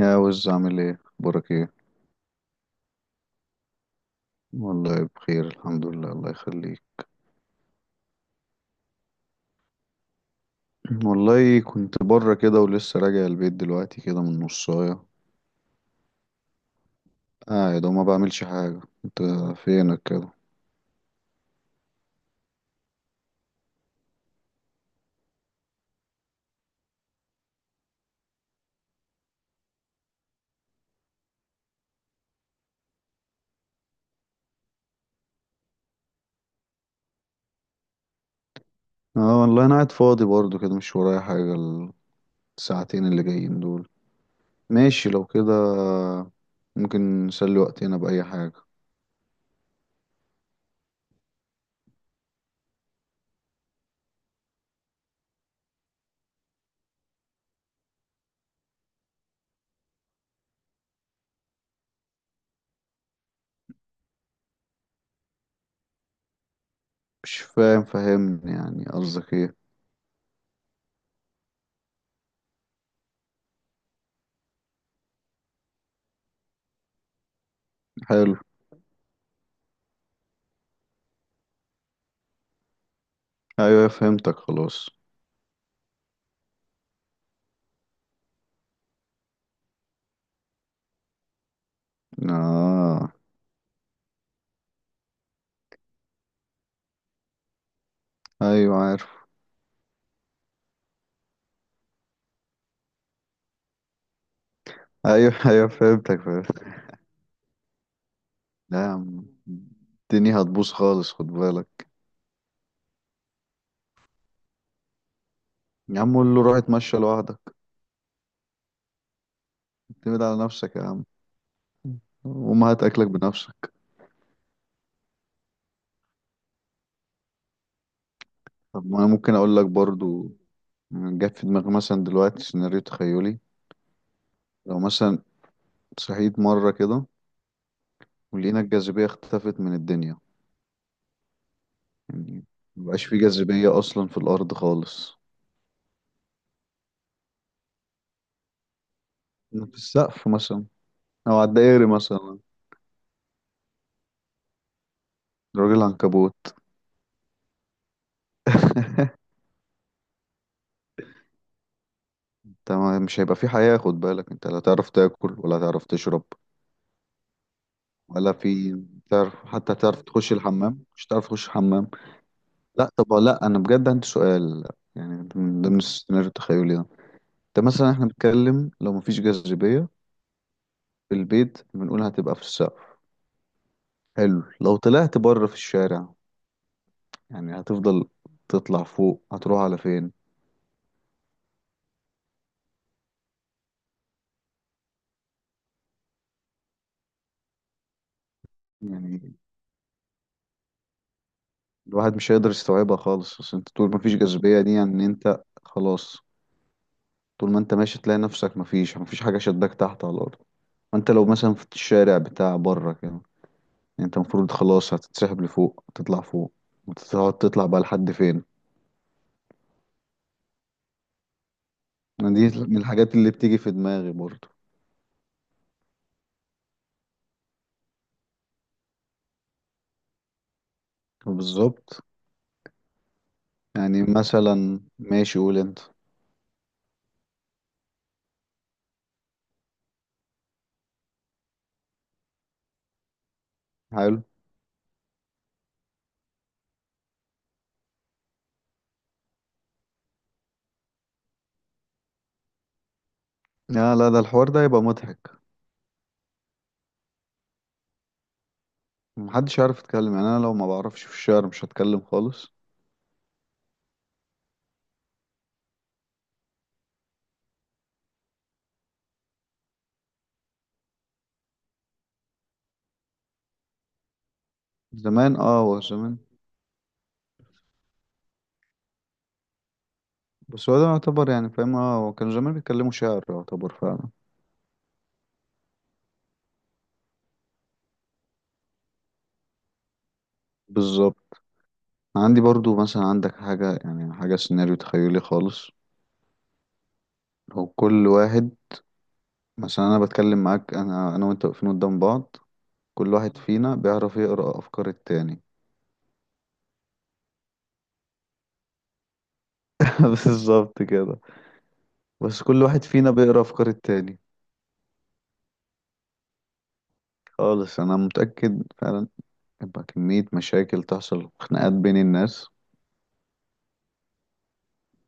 يا وز، عامل ايه؟ اخبارك ايه؟ والله بخير، الحمد لله، الله يخليك. والله كنت بره كده، ولسه راجع البيت دلوقتي كده من نصايه. قاعد وما بعملش حاجه. انت فينك كده؟ اه والله انا قاعد فاضي برضو كده، مش ورايا حاجه الساعتين اللي جايين دول. ماشي لو كده ممكن نسلي وقتنا باي حاجه. مش فاهم، فهمني يعني قصدك ايه. حلو. ايوه فهمتك خلاص. اه. ايوه عارف. ايوه ايوه فهمتك فهمتك. لا يا عم، الدنيا هتبوظ خالص، خد بالك. يا عم قول له روح اتمشى لوحدك. اعتمد على نفسك يا عم، وما هات اكلك بنفسك. طب ما انا ممكن اقول لك برضو، جت في دماغي مثلا دلوقتي سيناريو تخيلي. لو مثلا صحيت مرة كده، ولقينا الجاذبية اختفت من الدنيا. يعني مبقاش في جاذبية اصلا في الارض خالص. في السقف مثلا، او على الدائري مثلا. راجل عنكبوت. انت مش هيبقى في حياة، خد بالك، انت لا تعرف تاكل ولا تعرف تشرب ولا في تعرف، حتى تعرف تخش الحمام، مش تعرف تخش الحمام. لا طب لا، انا بجد عندي سؤال. يعني من ضمن السيناريو التخيلي ده، ده مثلا احنا بنتكلم لو مفيش جاذبية في البيت بنقول هتبقى في السقف. حلو. لو طلعت بره في الشارع، يعني هتفضل تطلع فوق، هتروح على فين؟ يعني الواحد مش هيقدر يستوعبها خالص، بس انت طول مفيش جاذبية دي يعني انت خلاص. طول ما انت ماشي تلاقي نفسك مفيش حاجة شداك تحت على الأرض. وانت لو مثلا في الشارع بتاع بره كده، يعني انت المفروض خلاص هتتسحب لفوق، هتطلع فوق، وتقعد تطلع بقى لحد فين؟ دي من الحاجات اللي بتيجي في دماغي برضو. بالظبط. يعني مثلا ماشي، قول انت. حلو. لا لا، ده الحوار ده هيبقى مضحك. محدش عارف يتكلم، يعني انا لو ما بعرفش في الشعر مش هتكلم خالص. زمان اه، هو زمان. بس هو ده يعتبر، يعني فاهم، اه هو كان زمان بيتكلموا شعر يعتبر فعلا. بالظبط. عندي برضو مثلا، عندك حاجة يعني حاجة سيناريو تخيلي خالص؟ هو كل واحد، عشان انا بتكلم معاك، انا وانت واقفين قدام بعض، كل واحد فينا بيعرف يقرأ افكار التاني. بالظبط كده. بس كل واحد فينا بيقرأ افكار التاني خالص، انا متأكد فعلا. يبقى كمية مشاكل تحصل، خناقات بين الناس.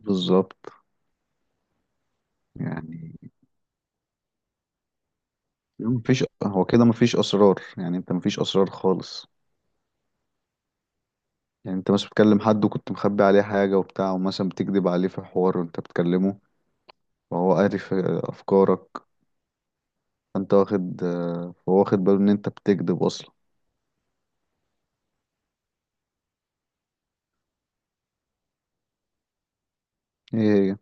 بالظبط. يعني مفيش، هو كده مفيش اسرار، يعني انت مفيش اسرار خالص. يعني انت بس بتكلم حد وكنت مخبي عليه حاجة وبتاع، ومثلا بتكذب عليه في حوار وانت بتكلمه، وهو عارف افكارك. انت واخد آه، هو واخد باله ان انت بتكذب اصلا. ايه هي.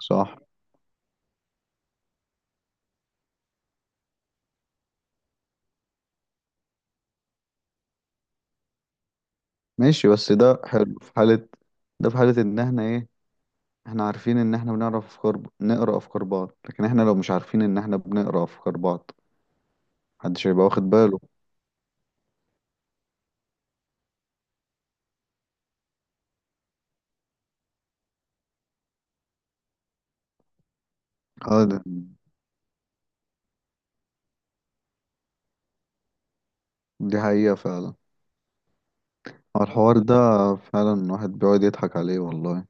صح. ماشي بس ده حلو في حالة، ده في حالة ان احنا ايه، احنا عارفين ان احنا بنعرف افكار نقرا افكار بعض. لكن احنا لو مش عارفين ان احنا بنقرا افكار بعض، محدش هيبقى واخد باله. اه ده، دي حقيقة فعلا. هو الحوار ده فعلا الواحد بيقعد يضحك عليه والله.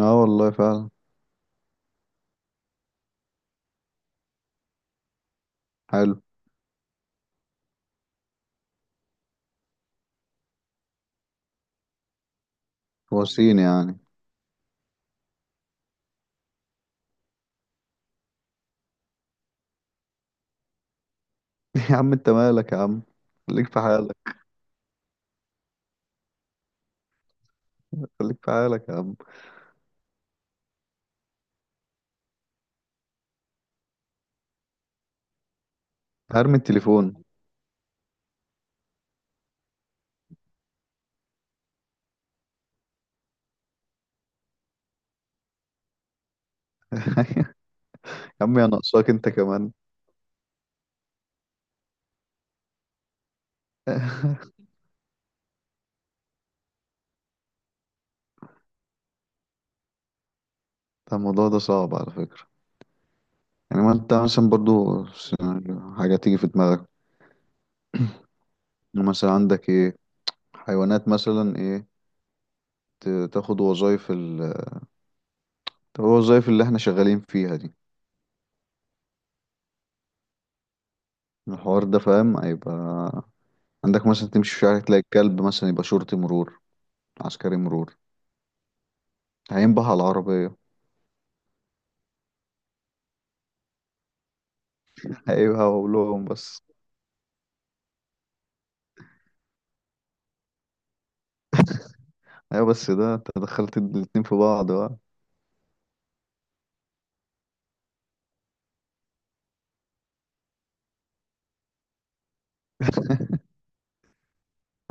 اه والله فعلا. حلو. وسيم يعني. يا عم انت مالك يا عم، خليك في حالك. خليك في حالك يا عم. ارمي التليفون. يا عم يا ناقصاك انت كمان. ده الموضوع ده صعب على فكرة. يعني ما انت مثلا برضو حاجة تيجي في دماغك. يعني مثلا عندك ايه، حيوانات مثلا، ايه تاخد وظايف الوظايف اللي احنا شغالين فيها دي. الحوار ده فاهم هيبقى. عندك مثلا تمشي في شارع تلاقي الكلب مثلا يبقى شرطي مرور، عسكري مرور، هينبه على العربية. هيبقى هقولهم بس. ايوه بس ده انت دخلت الاتنين في بعض بقى.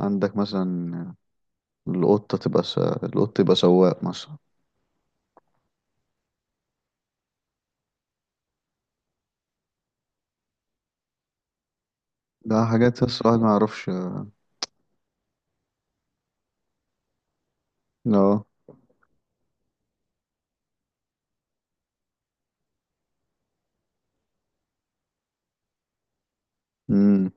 عندك مثلا، القط يبقى سواق مثلا. ده حاجات الصراحة ما اعرفش. اه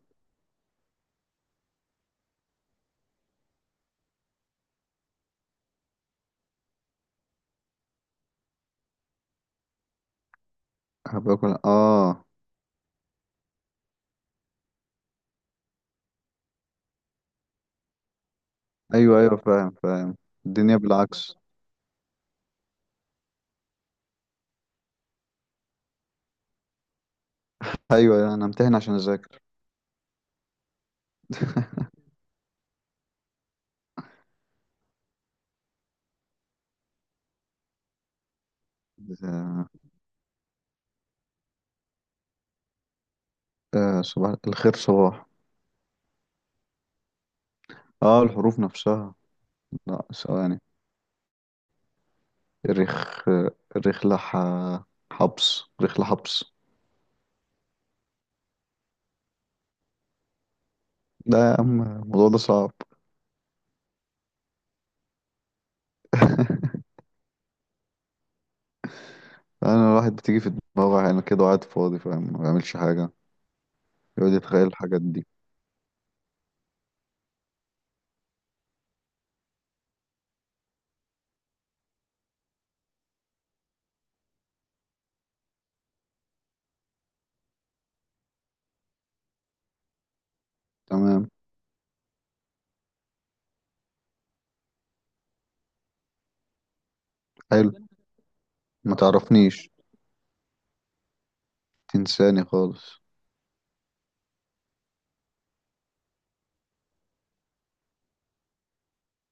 باكل اه. ايوه ايوه فاهم فاهم. الدنيا بالعكس. ايوه أيوه، انا امتحن عشان اذاكر. آه صباح الخير صباح. اه الحروف نفسها. لا ثواني. رخ رخلة حبس، رخلة حبس. لا يا عم الموضوع ده صعب. انا الواحد بتيجي في دماغه يعني كده وقاعد فاضي فاهم، ما بيعملش حاجة، يقعد يتخيل الحاجات دي. تمام. حلو. ما تعرفنيش. تنساني خالص.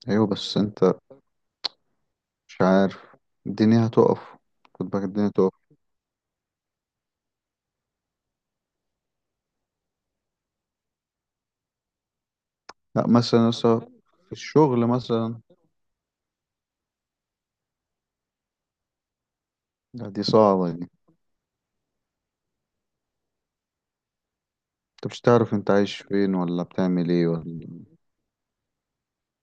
ايوه بس انت، مش عارف، الدنيا هتقف. خد بالك الدنيا هتقف. لا مثلا لسه في الشغل مثلا. لا دي صعبة دي. انت مش تعرف انت عايش فين ولا بتعمل ايه ولا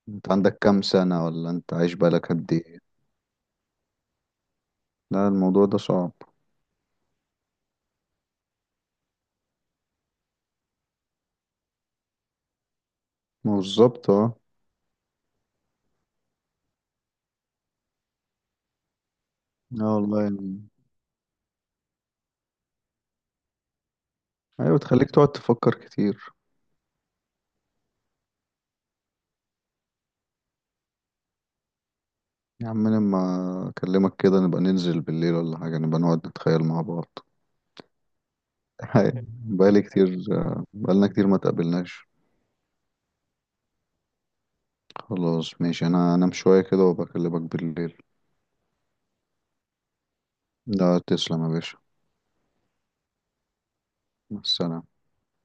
انت عندك كام سنة ولا انت عايش بقالك قد ايه. لا الموضوع ده صعب. ما هو بالظبط اه. اه والله يعني، ايوه تخليك تقعد تفكر كتير. يا عم لما اكلمك كده نبقى ننزل بالليل ولا حاجة، نبقى نقعد نتخيل مع بعض. هاي بقالي كتير، بقالنا كتير ما تقابلناش. خلاص ماشي انا انام شوية كده وبكلمك بالليل. لا تسلم يا باشا. مع السلامة.